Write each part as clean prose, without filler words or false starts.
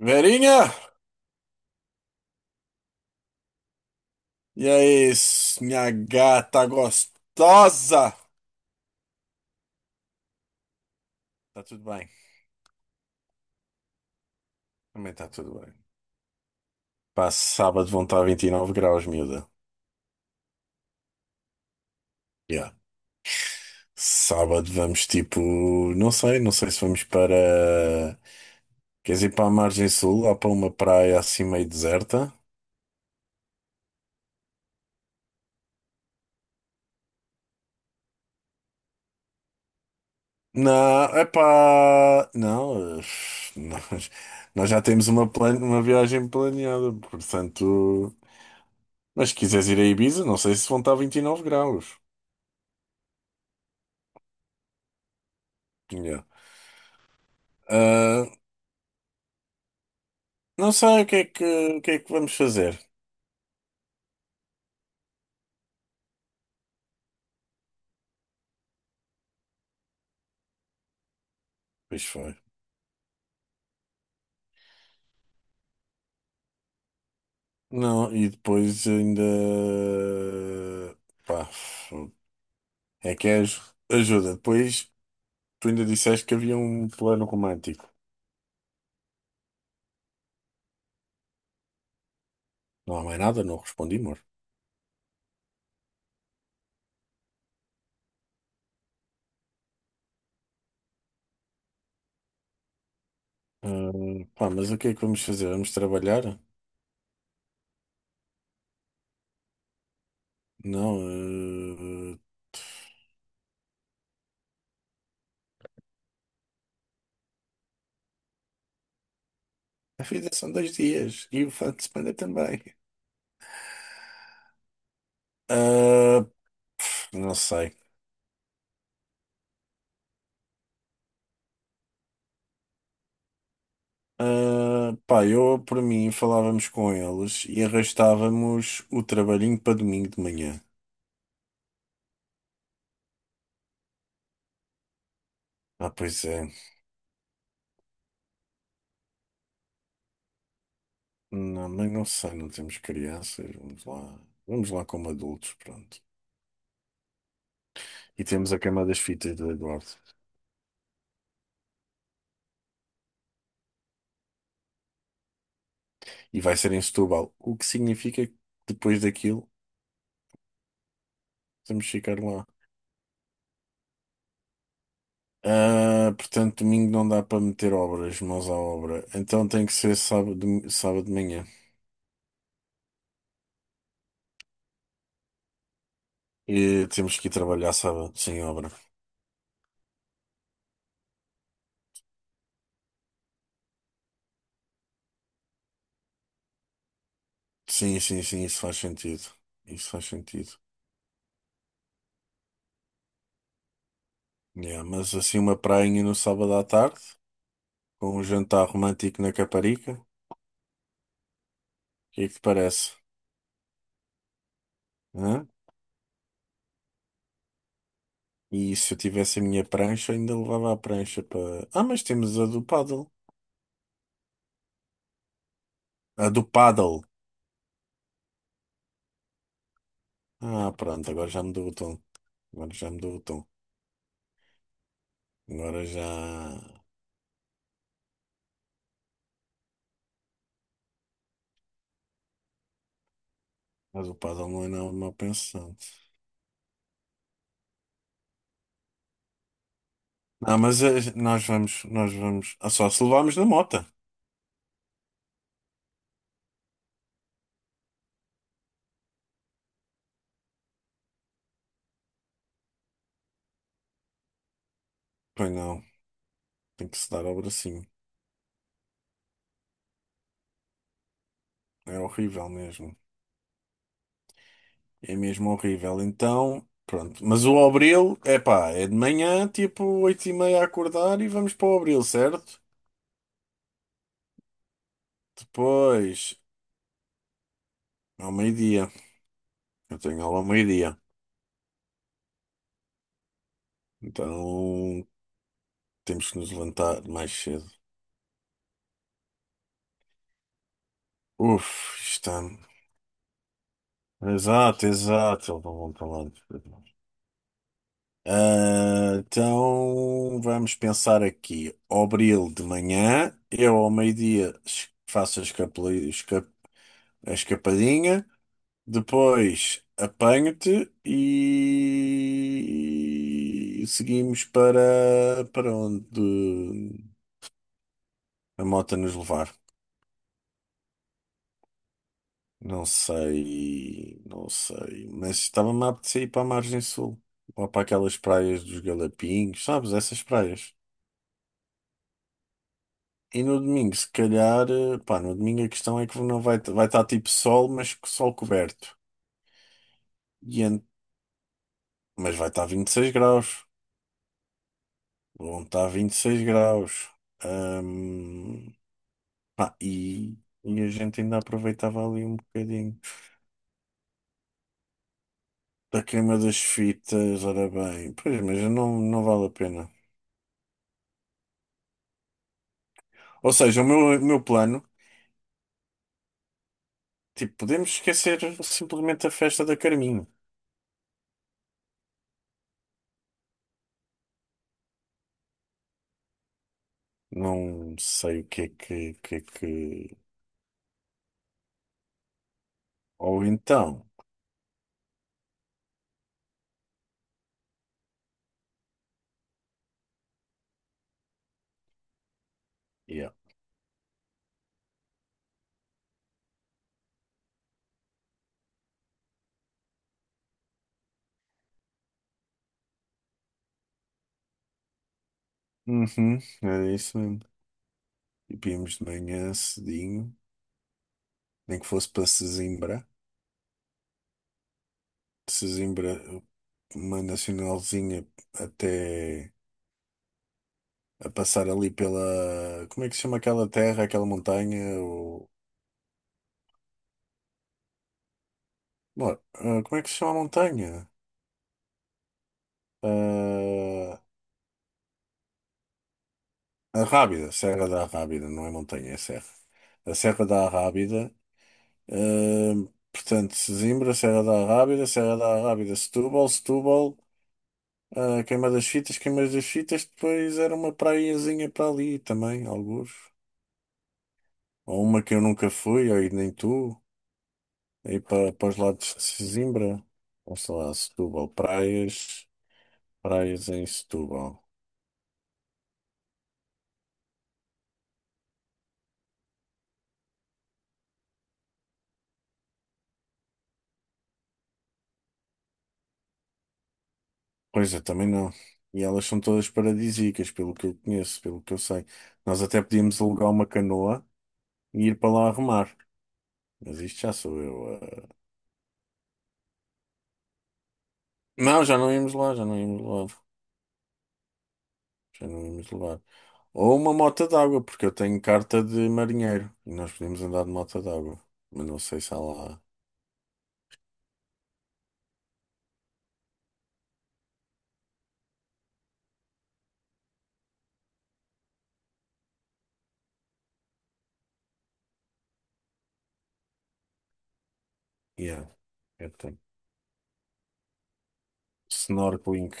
Verinha! E aí, minha gata gostosa! Tá tudo bem? Também tá tudo bem. Pá, sábado vão estar 29 graus, miúda. Yeah. Sábado vamos tipo. Não sei, se vamos para. Queres ir para a margem sul, lá para uma praia assim meio deserta? Não, é pá. Não, nós, nós já temos uma, uma viagem planeada, portanto. Mas se quiseres ir a Ibiza, não sei se vão estar 29 graus. Yeah. Ah, não sei o que é que, vamos fazer. Pois foi. Não, e depois ainda. Pá, é que ajuda. Depois tu ainda disseste que havia um plano romântico. Não há mais nada, não respondi, amor. Ah, pá, mas o que é que vamos fazer? Vamos trabalhar? Não. ah, a vida são dois dias e o fim de semana também. Ah, não sei. Ah, pá, eu por mim falávamos com eles e arrastávamos o trabalhinho para domingo de manhã. Ah, pois é. Não, mas não sei, não temos crianças. Vamos lá. Vamos lá como adultos, pronto. E temos a cama das fitas do Eduardo. E vai ser em Setúbal, o que significa que depois daquilo temos que ficar lá. Ah, portanto, domingo não dá para meter obras, mãos à obra. Então tem que ser sábado, sábado de manhã. E temos que ir trabalhar sábado sem obra. Sim, sim, sim, isso faz sentido. Isso faz sentido. Yeah, mas assim, uma prainha no sábado à tarde, com um jantar romântico na Caparica, o que é que te parece? Hã? E se eu tivesse a minha prancha, ainda levava a prancha para. Ah, mas temos a do paddle. A do paddle. Ah, pronto, agora já mudou o tom. Agora já mudou o tom. Agora já. A do paddle não é nada mal pensando. Ah, mas nós vamos. Nós vamos. Ah, só se levarmos na mota. Pois não, tem que se dar ao bracinho. É horrível mesmo. É mesmo horrível. Então, pronto. Mas o Abril, é pá, é de manhã, tipo 8h30 a acordar e vamos para o Abril, certo? Depois, ao meio-dia. Eu tenho aula ao meio-dia. Então, temos que nos levantar mais cedo. Uf, está. Exato, exato. Eles não vão para lá. Ah, então, vamos pensar aqui. Abril de manhã, eu ao meio-dia faço as a escapadinha, depois apanho-te e seguimos para, para onde a moto nos levar. Não sei, mas estava-me a apetecer ir para a margem sul, ou para aquelas praias dos Galapinhos, sabes, essas praias. E no domingo, se calhar, pá, no domingo a questão é que não vai, vai estar tipo sol, mas sol coberto. E, mas vai estar 26 graus. Vão estar 26 graus. Ahm, pá, e a gente ainda aproveitava ali um bocadinho da queima das fitas, ora bem. Pois, mas não, não vale a pena. Ou seja, o meu plano, tipo, podemos esquecer simplesmente a festa da Carminho. Não sei o que é que, o que é que... Ou então... Yeah. Uhum, era isso mesmo. E vimos de manhã cedinho, nem que fosse para Sesimbra. De Sesimbra, uma nacionalzinha até a passar ali pela. Como é que se chama aquela terra, aquela montanha? O... Bom, como é que se chama a montanha? Ah, a Rábida, Serra da Rábida, não é montanha, é serra. A Serra da Rábida. Portanto, Sesimbra, Serra da Rábida, Setúbal, Setúbal. Queima das Fitas, depois era uma praiazinha para ali também, alguns. Ou uma que eu nunca fui, ou e nem tu, aí para, os lados de Sesimbra, ou sei lá, Setúbal, praias, praias em Setúbal. Pois é, também não. E elas são todas paradisíacas, pelo que eu conheço, pelo que eu sei. Nós até podíamos alugar uma canoa e ir para lá remar. Mas isto já sou eu. Eh. Não, já não íamos lá, lá. Já não íamos levar. Ou uma moto d'água, porque eu tenho carta de marinheiro e nós podemos andar de moto d'água. Mas não sei se há lá. Yeah, eu tenho. Snorkeling.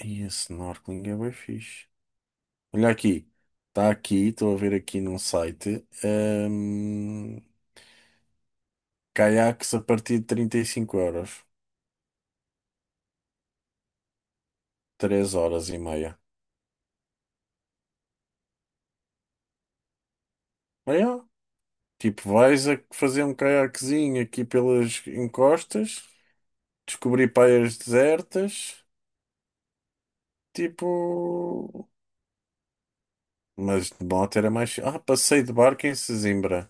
Ai, a snorkeling é bem fixe. Olha aqui. Está aqui, estou a ver aqui num site. Caiaques a partir de 35 euros. 3 horas e meia. Olha, tipo, vais a fazer um caiaquezinho aqui pelas encostas, descobrir praias desertas. Tipo. Mas de moto era mais. Ah, passeio de barco em Sesimbra.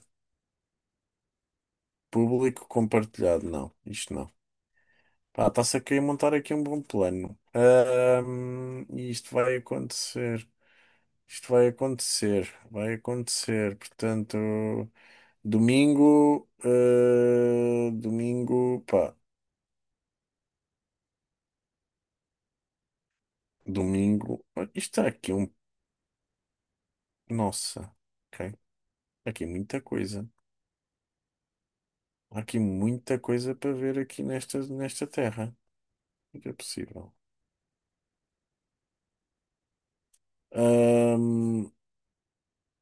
Público compartilhado. Não, isto não. Pá, está-se a querer montar aqui um bom plano. E isto vai acontecer. Isto vai acontecer. Vai acontecer. Portanto, domingo. Domingo. Pá, domingo. Isto está aqui um. Nossa. Ok. Aqui muita coisa. Há aqui muita coisa para ver aqui nesta, nesta terra. O que é possível? Ahm,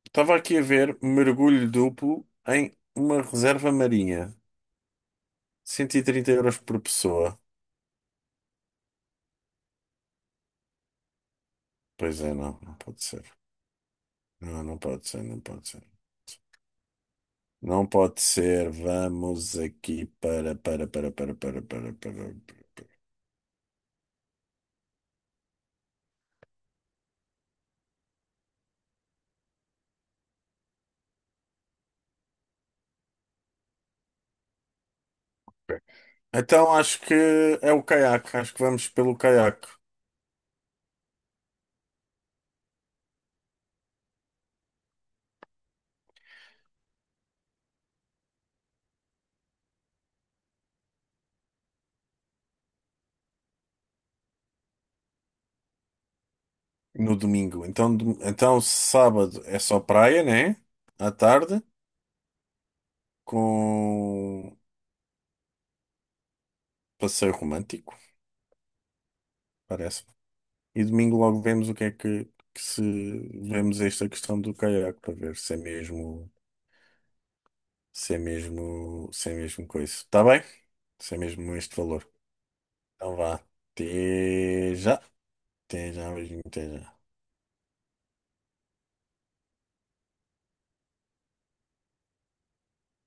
estava aqui a ver mergulho duplo em uma reserva marinha. 130 € por pessoa. Pois é, não, não pode ser. Não, não pode ser, não pode ser. Não pode ser. Vamos aqui para, para, para, para, para, para, para. Então acho que é o caiaque. Acho que vamos pelo caiaque no domingo. Então, então sábado é só praia, né? À tarde, com passeio romântico. Parece. E domingo logo vemos o que é que se vemos esta questão do caiaque para ver se é mesmo, se é mesmo coisa. Está bem? Se é mesmo este valor. Então vá. Até já. Até já, beijinho, até já.